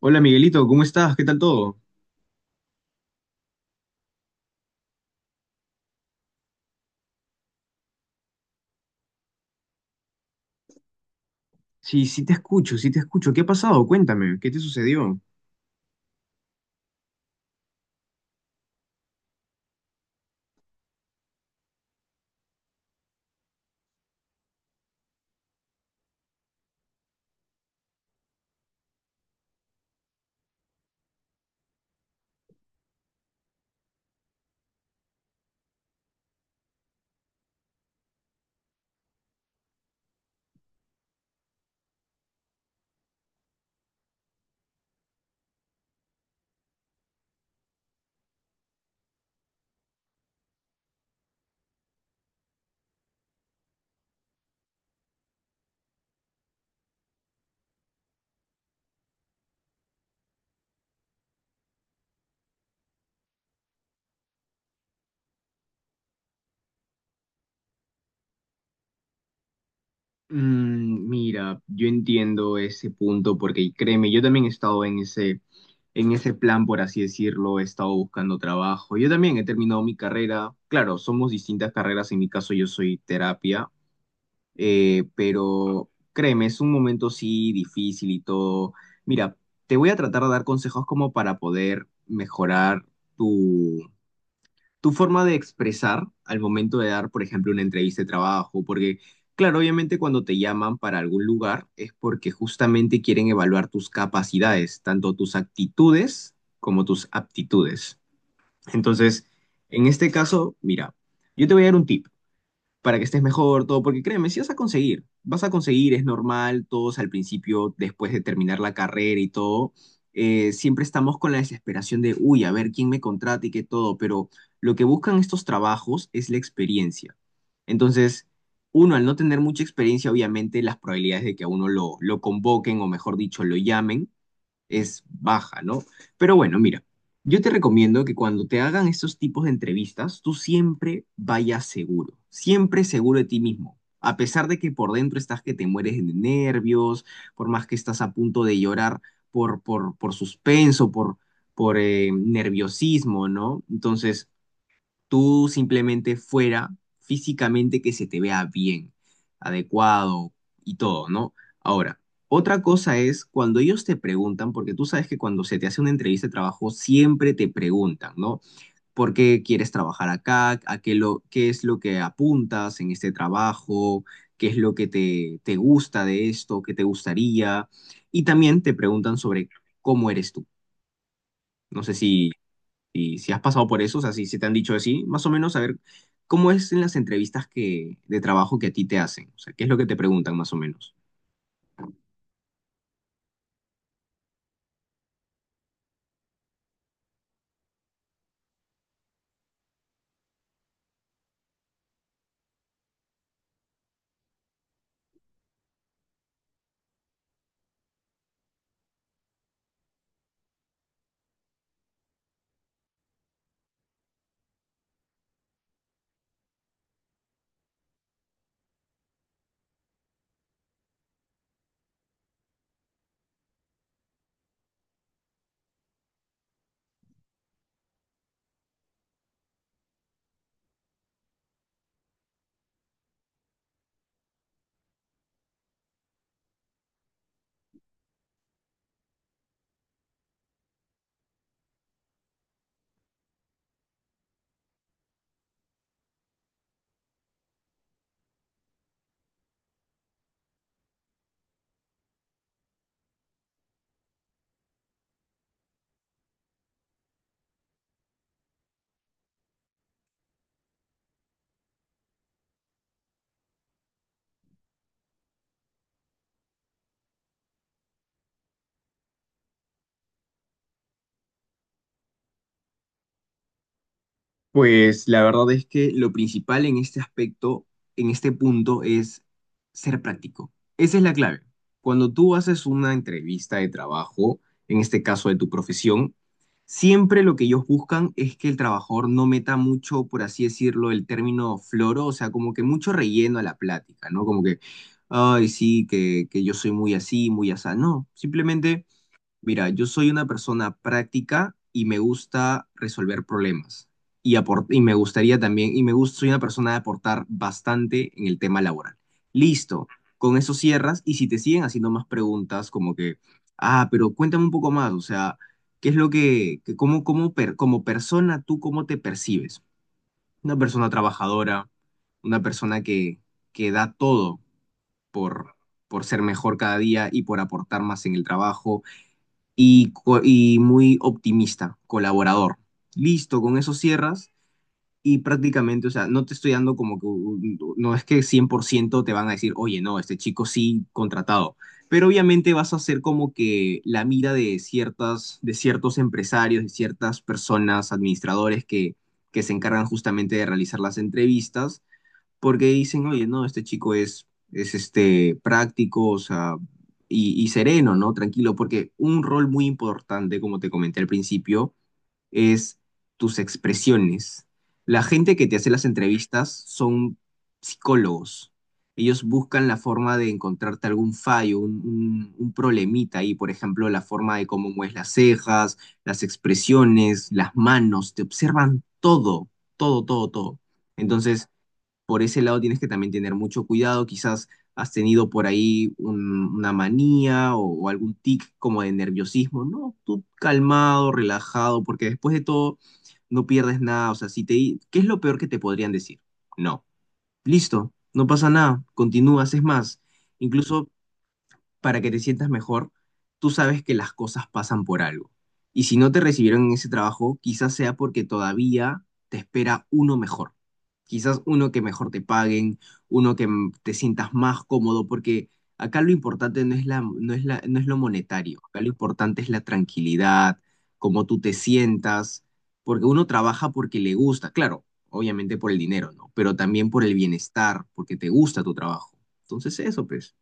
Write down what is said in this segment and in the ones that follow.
Hola Miguelito, ¿cómo estás? ¿Qué tal todo? Sí, sí te escucho, sí te escucho. ¿Qué ha pasado? Cuéntame, ¿qué te sucedió? Mira, yo entiendo ese punto porque créeme, yo también he estado en ese plan, por así decirlo, he estado buscando trabajo. Yo también he terminado mi carrera. Claro, somos distintas carreras, en mi caso yo soy terapia, pero créeme, es un momento sí difícil y todo. Mira, te voy a tratar de dar consejos como para poder mejorar tu forma de expresar al momento de dar, por ejemplo, una entrevista de trabajo, porque, claro, obviamente cuando te llaman para algún lugar es porque justamente quieren evaluar tus capacidades, tanto tus actitudes como tus aptitudes. Entonces, en este caso, mira, yo te voy a dar un tip para que estés mejor, todo, porque créeme, si vas a conseguir, vas a conseguir, es normal, todos al principio, después de terminar la carrera y todo, siempre estamos con la desesperación de, uy, a ver quién me contrata y qué todo, pero lo que buscan estos trabajos es la experiencia. Entonces, uno, al no tener mucha experiencia, obviamente las probabilidades de que a uno lo convoquen o mejor dicho, lo llamen es baja, ¿no? Pero bueno, mira, yo te recomiendo que cuando te hagan estos tipos de entrevistas, tú siempre vayas seguro, siempre seguro de ti mismo. A pesar de que por dentro estás que te mueres de nervios, por más que estás a punto de llorar por suspenso, por nerviosismo, ¿no? Entonces, tú simplemente fuera físicamente que se te vea bien, adecuado y todo, ¿no? Ahora, otra cosa es cuando ellos te preguntan, porque tú sabes que cuando se te hace una entrevista de trabajo siempre te preguntan, ¿no? ¿Por qué quieres trabajar acá? ¿Qué es lo que apuntas en este trabajo? ¿Qué es lo que te gusta de esto? ¿Qué te gustaría? Y también te preguntan sobre cómo eres tú. No sé si si has pasado por eso, o sea, si te han dicho así, más o menos saber cómo es en las entrevistas de trabajo que a ti te hacen. O sea, qué es lo que te preguntan más o menos. Pues la verdad es que lo principal en este aspecto, en este punto, es ser práctico. Esa es la clave. Cuando tú haces una entrevista de trabajo, en este caso de tu profesión, siempre lo que ellos buscan es que el trabajador no meta mucho, por así decirlo, el término floro, o sea, como que mucho relleno a la plática, ¿no? Como que, ay, sí, que yo soy muy así, muy asá. No, simplemente. Mira, yo soy una persona práctica y me gusta resolver problemas. Y me gustaría también, y me gusta, soy una persona de aportar bastante en el tema laboral. Listo, con eso cierras. Y si te siguen haciendo más preguntas, como que, ah, pero cuéntame un poco más, o sea, ¿qué es lo que, como persona tú cómo te percibes? Una persona trabajadora, una persona que da todo por, por ser mejor cada día y por aportar más en el trabajo y muy optimista, colaborador. Listo, con eso cierras y prácticamente, o sea, no te estoy dando como que, no es que 100% te van a decir, oye, no, este chico sí contratado, pero obviamente vas a ser como que la mira de ciertas, de ciertos empresarios, de ciertas personas, administradores que se encargan justamente de realizar las entrevistas porque dicen, oye, no, este chico es, este, práctico, o sea, y sereno, ¿no? Tranquilo, porque un rol muy importante, como te comenté al principio, es tus expresiones. La gente que te hace las entrevistas son psicólogos. Ellos buscan la forma de encontrarte algún fallo, un problemita ahí, por ejemplo, la forma de cómo mueves las cejas, las expresiones, las manos, te observan todo, todo, todo, todo. Entonces, por ese lado tienes que también tener mucho cuidado. Quizás has tenido por ahí una manía o algún tic como de nerviosismo, ¿no? Tú calmado, relajado, porque después de todo no pierdes nada. O sea, si te, di- ¿qué es lo peor que te podrían decir? No. Listo, no pasa nada, continúas, es más. Incluso para que te sientas mejor, tú sabes que las cosas pasan por algo. Y si no te recibieron en ese trabajo, quizás sea porque todavía te espera uno mejor. Quizás uno que mejor te paguen, uno que te sientas más cómodo, porque acá lo importante no es lo monetario, acá lo importante es la tranquilidad, cómo tú te sientas, porque uno trabaja porque le gusta, claro, obviamente por el dinero, ¿no? Pero también por el bienestar, porque te gusta tu trabajo. Entonces eso, pues.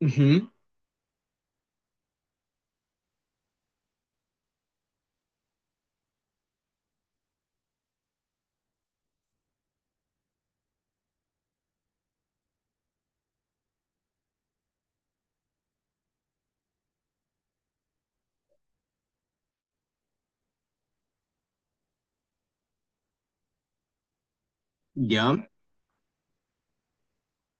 Ujú. Ya,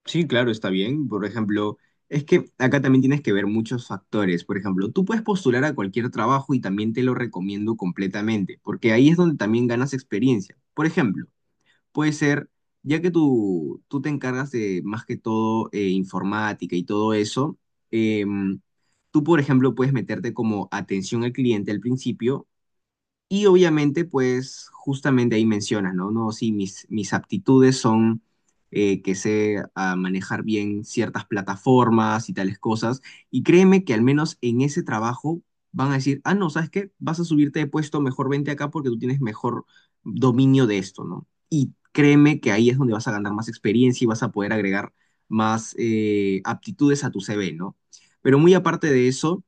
sí, claro, está bien. Por ejemplo, es que acá también tienes que ver muchos factores. Por ejemplo, tú puedes postular a cualquier trabajo y también te lo recomiendo completamente, porque ahí es donde también ganas experiencia. Por ejemplo, puede ser, ya que tú te encargas de más que todo informática y todo eso, em, tú, por ejemplo, puedes meterte como atención al cliente al principio. Y obviamente, pues justamente ahí mencionas, ¿no? No, sí, mis aptitudes son que sé manejar bien ciertas plataformas y tales cosas. Y créeme que al menos en ese trabajo van a decir, ah, no, ¿sabes qué? Vas a subirte de puesto, mejor vente acá porque tú tienes mejor dominio de esto, ¿no? Y créeme que ahí es donde vas a ganar más experiencia y vas a poder agregar más aptitudes a tu CV, ¿no? Pero muy aparte de eso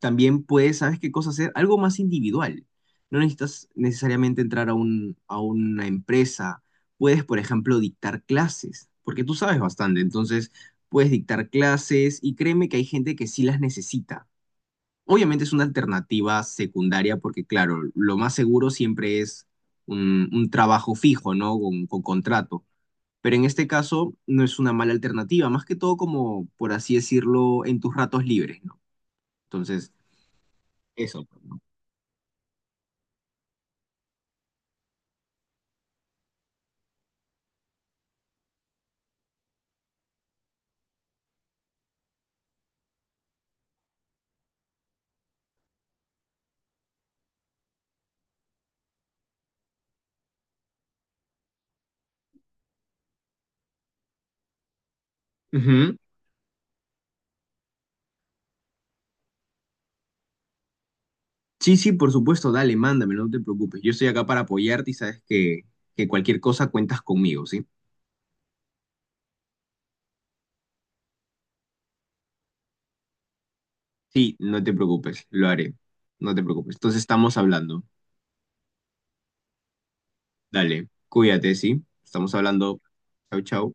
también puedes, ¿sabes qué cosa hacer? Algo más individual. No necesitas necesariamente entrar a un, a una empresa. Puedes, por ejemplo, dictar clases, porque tú sabes bastante. Entonces, puedes dictar clases y créeme que hay gente que sí las necesita. Obviamente es una alternativa secundaria porque, claro, lo más seguro siempre es un trabajo fijo, ¿no? Con contrato. Pero en este caso no es una mala alternativa, más que todo como, por así decirlo, en tus ratos libres, ¿no? Entonces, eso. Ujú. Sí, sí, por supuesto, dale, mándamelo, no te preocupes. Yo estoy acá para apoyarte y sabes que cualquier cosa cuentas conmigo, ¿sí? Sí, no te preocupes, lo haré. No te preocupes. Entonces estamos hablando. Dale, cuídate, ¿sí? Estamos hablando. Chau, chau.